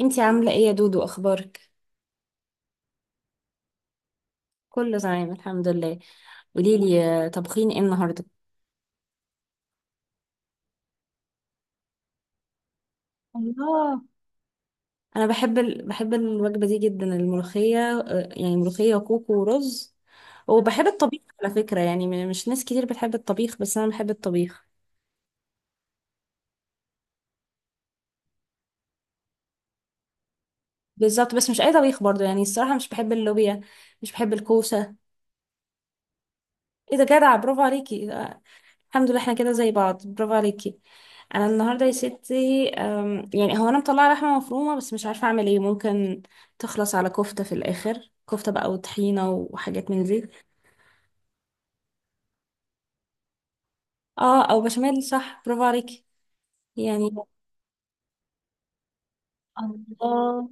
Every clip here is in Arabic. انتي عاملة ايه يا دودو، اخبارك؟ كله تمام الحمد لله. قوليلي طبخين ايه النهاردة؟ الله. انا بحب بحب الوجبة دي جدا، الملوخية، يعني ملوخية وكوكو ورز. وبحب الطبيخ على فكرة، يعني مش ناس كتير بتحب الطبيخ، بس انا بحب الطبيخ. بالظبط، بس مش اي طبيخ برضو، يعني الصراحة مش بحب اللوبيا. مش بحب الكوسة. ايه ده، جدع، برافو عليكي. الحمد لله، احنا كده زي بعض، برافو عليكي. انا النهارده يا ستي، يعني هو انا مطلعه لحمه مفرومه، بس مش عارفه اعمل ايه. ممكن تخلص على كفته في الاخر، كفته بقى وطحينه وحاجات من دي. اه، او بشاميل، صح، برافو عليكي. يعني. الله.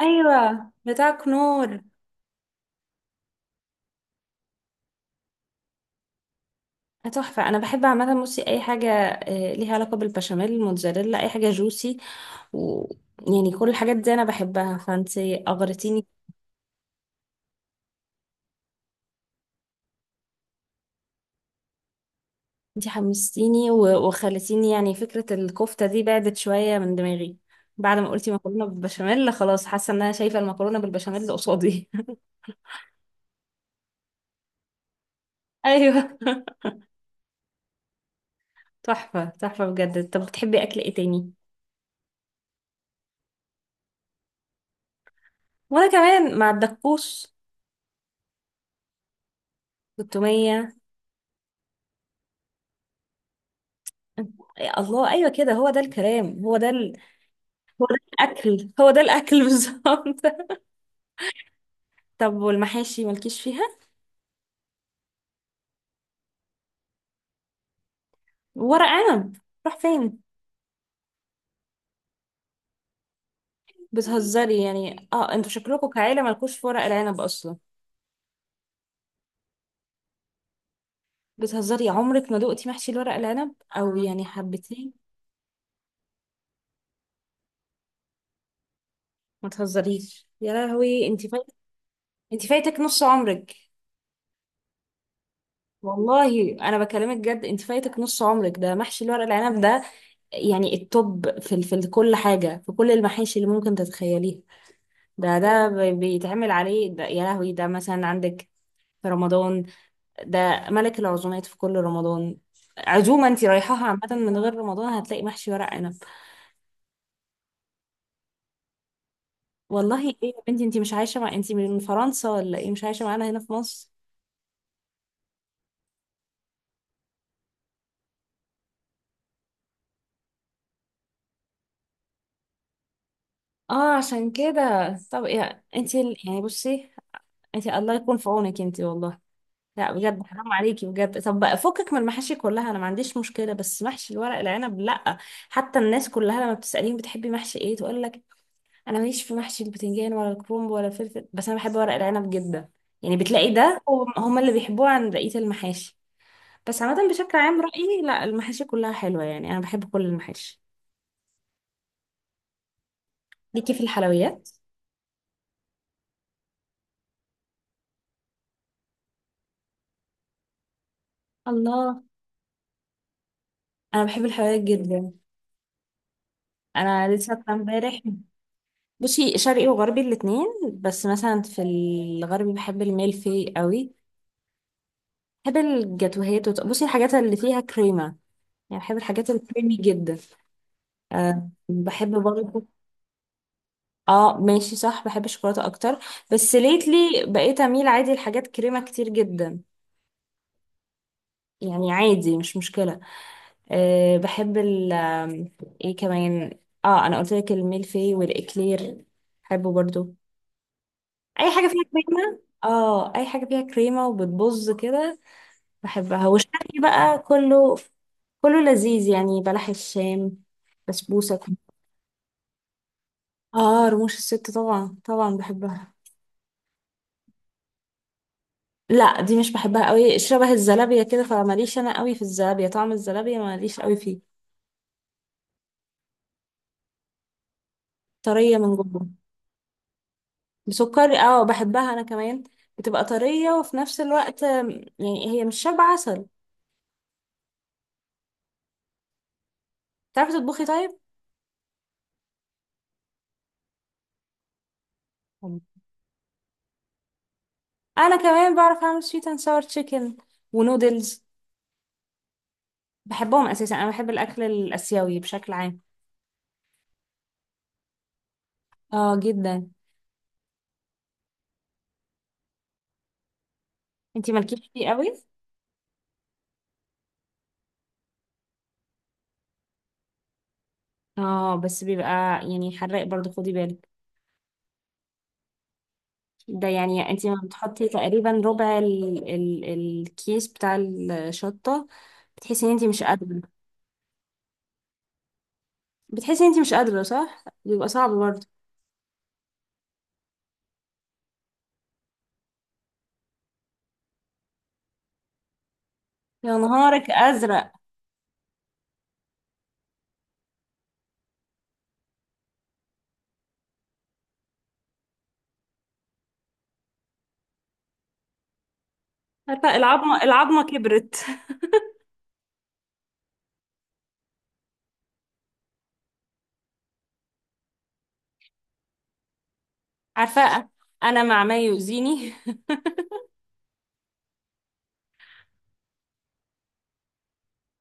ايوه بتاعك نور. تحفه. انا بحب عامه، بصي، اي حاجه ليها علاقه بالبشاميل، موتزاريلا، اي حاجه جوسي، و... يعني كل الحاجات دي انا بحبها، فانتي اغرتيني. انتي حمستيني و- وخلتيني، يعني فكرة الكفتة دي بعدت شوية من دماغي. بعد ما قلتي مكرونة بالبشاميل، خلاص، حاسة ان انا شايفة المكرونة بالبشاميل قصادي. ايوه. تحفة تحفة بجد. طب بتحبي اكل ايه تاني؟ وانا كمان مع الدكوس، والتومية. يا الله، ايوه كده، هو ده الكلام، هو ده الاكل، هو ده الاكل بالظبط. طب والمحاشي مالكيش فيها؟ ورق عنب. راح فين؟ بتهزري يعني، اه، انتوا شكلكم كعيلة مالكوش في ورق العنب اصلا. بتهزري؟ عمرك ما دقتي محشي الورق العنب، او يعني حبتين؟ ما تهزريش يا لهوي، انت فايت. انت فايتك نص عمرك. والله انا بكلمك جد، انت فايتك نص عمرك، ده محشي الورق العنب ده. يعني التوب، في كل حاجه، في كل المحاشي اللي ممكن تتخيليها، بيتعمل عليه. ده يا لهوي، ده مثلا عندك في رمضان، ده ملك العزومات في كل رمضان. عزومه انت رايحاها عامه، من غير رمضان، هتلاقي محشي ورق عنب. والله ايه يا بنتي، انتي مش عايشة، انتي من فرنسا ولا ايه، مش عايشة معانا هنا في مصر؟ اه عشان كده. طب يا انتي يعني بصي، انتي الله يكون في عونك انتي والله. لا بجد، حرام عليكي بجد. طب بقى فكك من المحاشي كلها، انا ما عنديش مشكلة، بس محشي الورق العنب لا. حتى الناس كلها لما بتسأليهم بتحبي محشي ايه تقول لك انا ماليش في محشي البتنجان ولا الكرنب ولا الفلفل، بس انا بحب ورق العنب جدا. يعني بتلاقي ده هم هم اللي بيحبوه عن بقية المحاشي. بس عامة، بشكل عام رأيي لا، المحاشي كلها حلوة، يعني أنا بحب كل المحاشي. ليكي في الحلويات؟ الله. انا بحب الحلويات جدا. انا لسه أكلة امبارح. بصي شرقي وغربي الاتنين. بس مثلا في الغربي بحب الميلفي قوي. بحب الجاتوهات، بصي الحاجات اللي فيها كريمه، يعني بحب الحاجات الكريمي جدا. أه بحب برضه. اه ماشي، صح، بحب الشوكولاته اكتر. بس ليتلي بقيت اميل عادي لحاجات كريمه كتير جدا، يعني عادي مش مشكلة. أه بحب ال آم، ايه كمان، اه انا قلت لك الميلفي والاكلير، بحبه برضو. اي حاجة فيها كريمة، اه اي حاجة فيها كريمة وبتبظ كده، بحبها. والشرقي بقى كله، كله لذيذ، يعني بلح الشام، بسبوسة. اه رموش الست طبعا طبعا بحبها. لا دي مش بحبها قوي، شبه الزلابية كده، فماليش انا قوي في الزلابية، طعم الزلابية ماليش قوي فيه. طرية من جوه. بسكري، اه بحبها انا كمان. بتبقى طرية وفي نفس الوقت، يعني هي مش شبه عسل. تعرفي تطبخي طيب؟ مم. انا كمان بعرف اعمل سويت اند ساور تشيكن ونودلز. بحبهم اساسا، انا بحب الاكل الاسيوي بشكل عام. اه جدا. انتي مالكيش فيه قوي. اه بس بيبقى، يعني حراق برضو، خدي بالك. ده يعني انتي ما بتحطي تقريبا ربع ال ال الكيس بتاع الشطة، بتحسي ان انتي مش قادرة. بتحسي ان انتي مش قادرة، صح بيبقى صعب برضو. يا نهارك ازرق. عارفه العظمه، العظمه كبرت. عارفه. انا مع ما يؤذيني.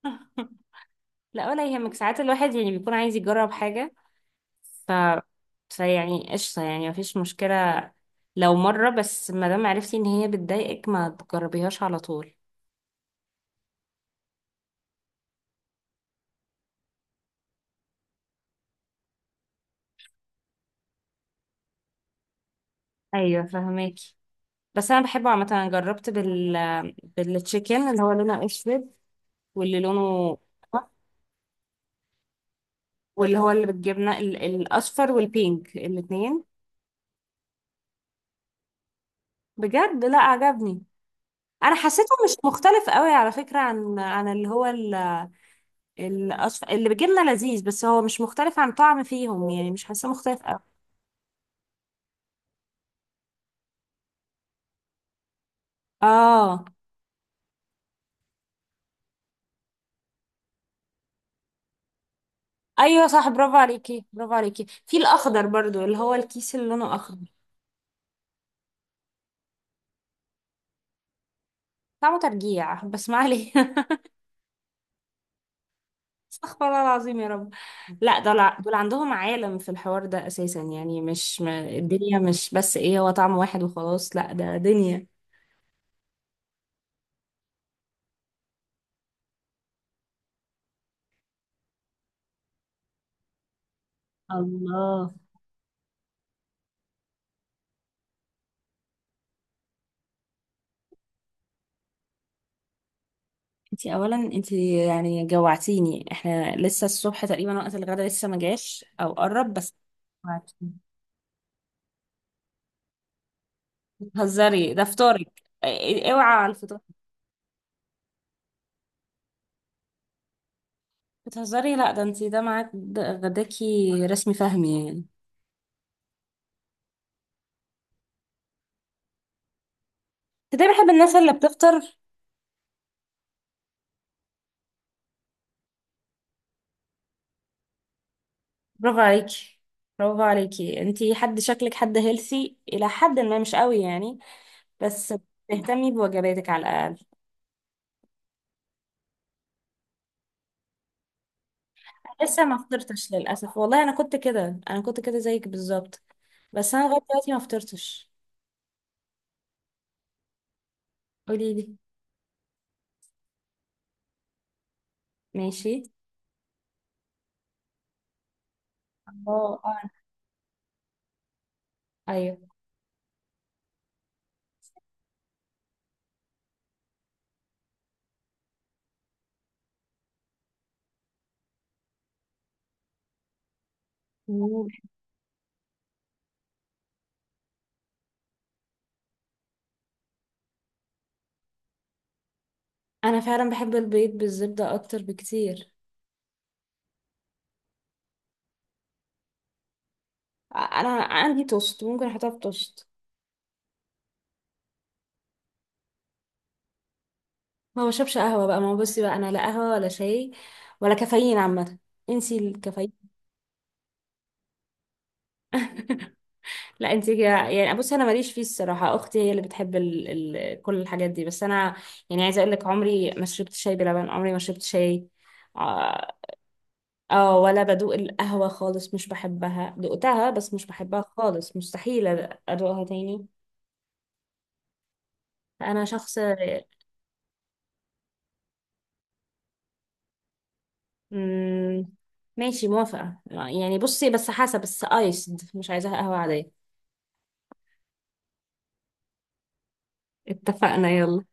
لا ولا يهمك، ساعات الواحد يعني بيكون عايز يجرب حاجه، ف فيعني قشطه، يعني مفيش مشكله لو مره بس. ما دام عرفتي ان هي بتضايقك، ما تجربيهاش على طول. ايوه، فهماكي. بس انا بحبه عامه. انا جربت بالتشيكن اللي هو لونه اسود، واللي لونه واللي هو اللي بالجبنه، الاصفر والبينك الاثنين. بجد لا عجبني. انا حسيته مش مختلف قوي على فكرة، عن اللي هو اللي بجبنة، لذيذ، بس هو مش مختلف عن طعم فيهم، يعني مش حاساه مختلف قوي. اه ايوه صح، برافو عليكي برافو عليكي، في الاخضر برضو اللي هو الكيس اللي لونه اخضر. طعمه ترجيع بس ما عليه. استغفر الله العظيم يا رب. لا دول عندهم عالم في الحوار ده اساسا، يعني مش ما... الدنيا مش بس ايه، هو طعم واحد وخلاص، لا ده دنيا. الله. انتي اولا، انتي يعني جوعتيني، احنا لسه الصبح تقريبا، وقت الغدا لسه ما جاش او قرب بس. جوعتيني. بتهزري، ده فطارك إيه، اوعى على الفطار. بتهزري، لا ده انتي ده معاك، ده غداكي رسمي فهمي يعني. ده بحب الناس اللي بتفطر. برافو عليكي برافو عليكي، انتي حد شكلك حد هيلثي الى حد ما، مش قوي يعني، بس تهتمي بوجباتك على الاقل. لسه ما فطرتش للاسف، والله انا كنت كده زيك بالظبط، بس انا لغايه دلوقتي ما فطرتش. قولي لي. ماشي. الله آه. ايوه. مم. انا فعلا بحب البيض بالزبده اكتر بكتير. انا عندي توست، ممكن احطها في توست. ما بشربش قهوه بقى، ما هو بصي بقى، انا لا قهوه ولا شاي، ولا كافيين عامه. انسي الكافيين. لا انت كده، يعني بصي انا ماليش فيه الصراحه، اختي هي اللي بتحب كل الحاجات دي، بس انا يعني عايزه اقول لك عمري ما شربت شاي بلبن، عمري ما شربت شاي، آه، اه ولا بدوق القهوة خالص، مش بحبها، دقتها بس مش بحبها خالص، مستحيل أدوقها تاني. أنا شخص مم... ماشي، موافقة، يعني بصي، بس حسب، بس آيسد، مش عايزاها قهوة عادية. اتفقنا، يلا.